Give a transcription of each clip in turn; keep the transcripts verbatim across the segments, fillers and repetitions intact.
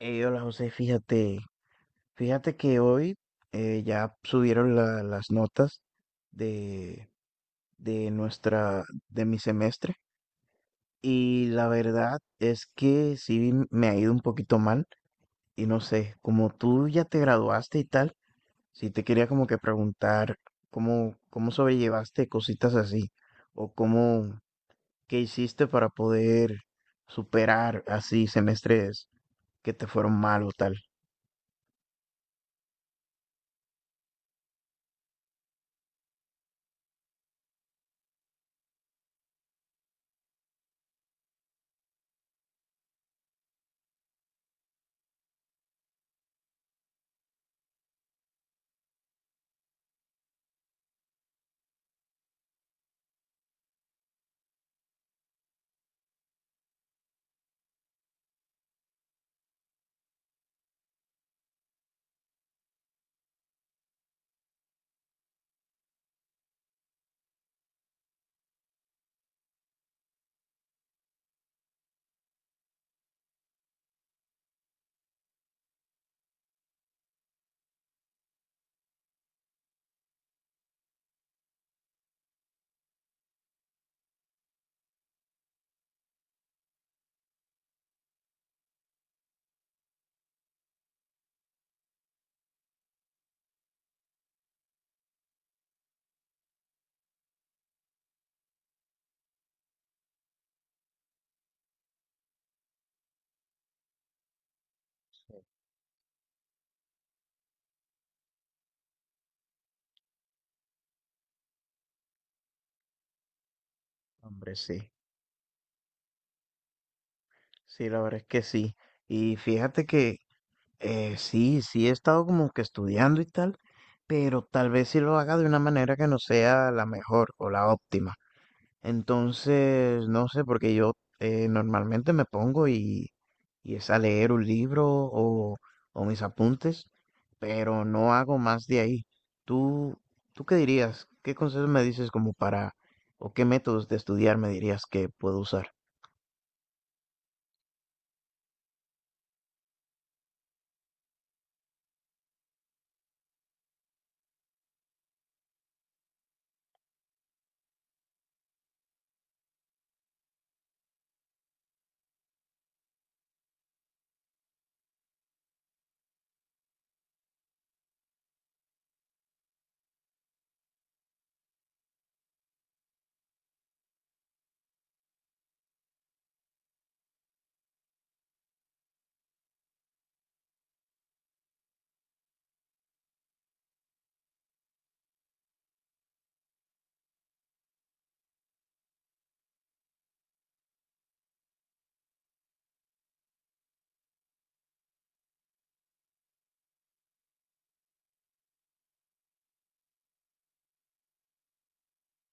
Eh, hola José, fíjate, fíjate que hoy eh, ya subieron la- las notas de, de nuestra, de mi semestre, y la verdad es que sí me ha ido un poquito mal y no sé, como tú ya te graduaste y tal, sí te quería como que preguntar cómo, cómo sobrellevaste cositas así o cómo, qué hiciste para poder superar así semestres que te fueron mal o tal. Hombre, sí. Sí, la verdad es que sí. Y fíjate que eh, sí, sí he estado como que estudiando y tal, pero tal vez sí lo haga de una manera que no sea la mejor o la óptima. Entonces, no sé, porque yo eh, normalmente me pongo y, y es a leer un libro o, o mis apuntes, pero no hago más de ahí. ¿Tú, tú qué dirías? ¿Qué consejos me dices como para, o qué métodos de estudiar me dirías que puedo usar?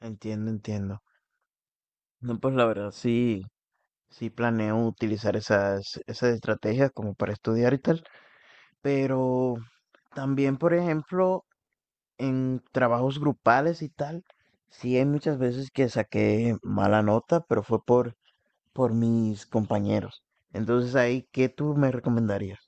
Entiendo, entiendo. No, pues la verdad sí, sí planeo utilizar esas, esas estrategias como para estudiar y tal, pero también, por ejemplo, en trabajos grupales y tal, sí hay muchas veces que saqué mala nota, pero fue por, por mis compañeros. Entonces ahí, ¿qué tú me recomendarías?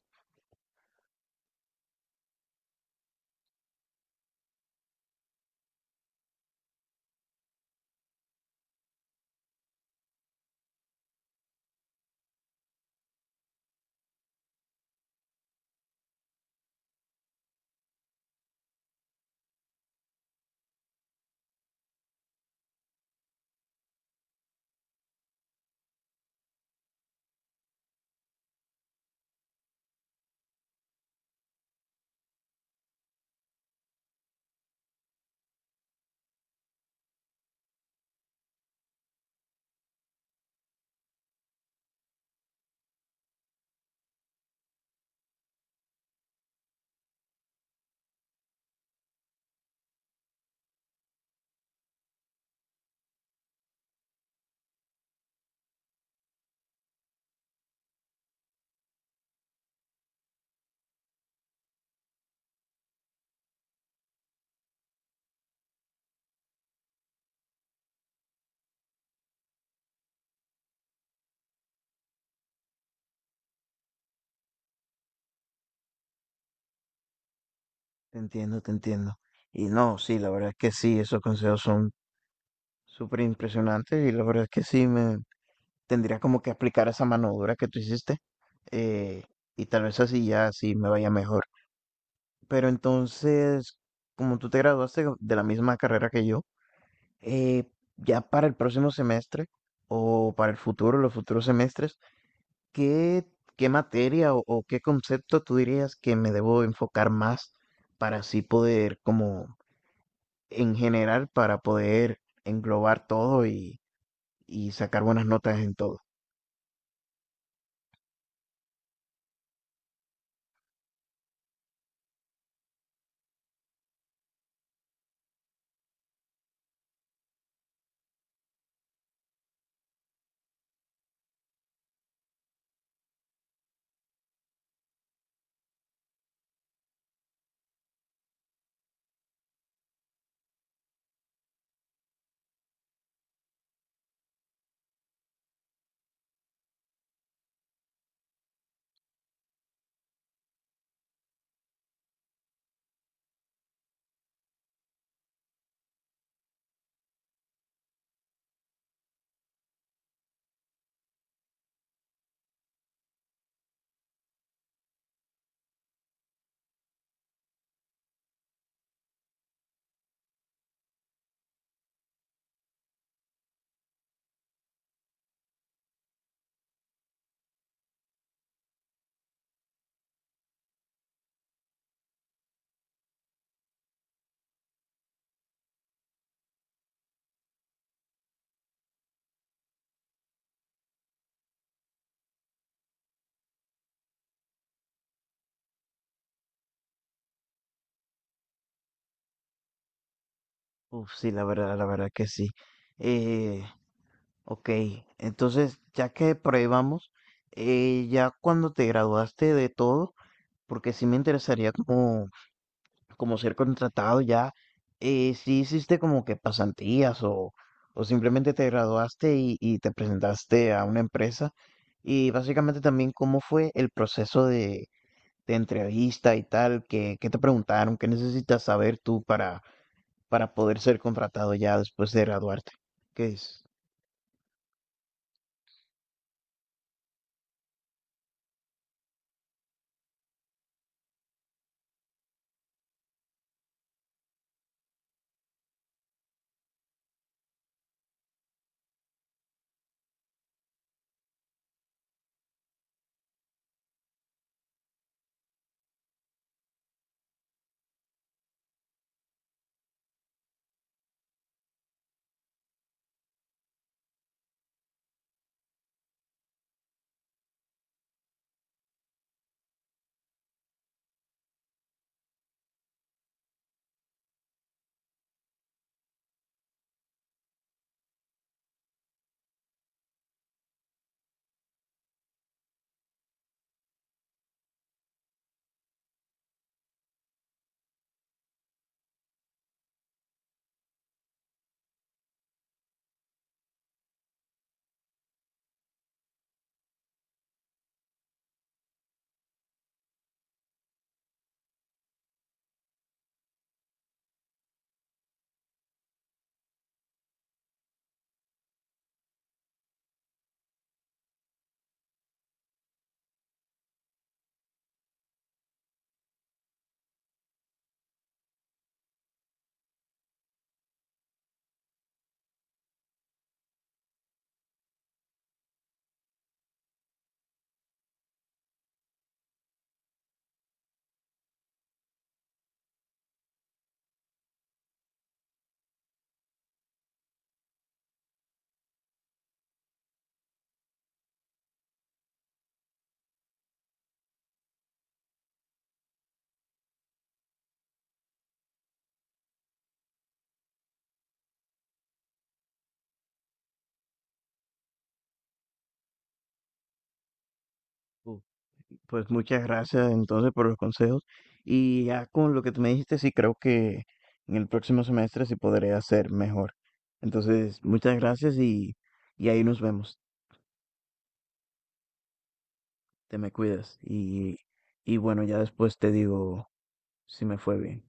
Te entiendo, te entiendo. Y no, sí, la verdad es que sí, esos consejos son súper impresionantes y la verdad es que sí, me tendría como que aplicar esa mano dura que tú hiciste, eh, y tal vez así ya sí me vaya mejor. Pero entonces, como tú te graduaste de la misma carrera que yo, eh, ya para el próximo semestre o para el futuro, los futuros semestres, ¿qué, qué materia o, o qué concepto tú dirías que me debo enfocar más para así poder como en general para poder englobar todo y, y sacar buenas notas en todo. Uf, sí, la verdad, la verdad que sí. Eh, ok, entonces ya que por ahí vamos, eh, ya cuando te graduaste de todo, porque sí me interesaría como, como ser contratado ya, eh, sí hiciste como que pasantías o, o simplemente te graduaste y, y te presentaste a una empresa, y básicamente también cómo fue el proceso de, de entrevista y tal, ¿qué, qué te preguntaron? ¿Qué necesitas saber tú para, para poder ser contratado ya después de graduarte? ¿Qué es? Uh, Pues muchas gracias entonces por los consejos. Y ya con lo que tú me dijiste, sí creo que en el próximo semestre sí podré hacer mejor. Entonces, muchas gracias y, y ahí nos vemos. Te me cuidas. Y, y bueno, ya después te digo si me fue bien.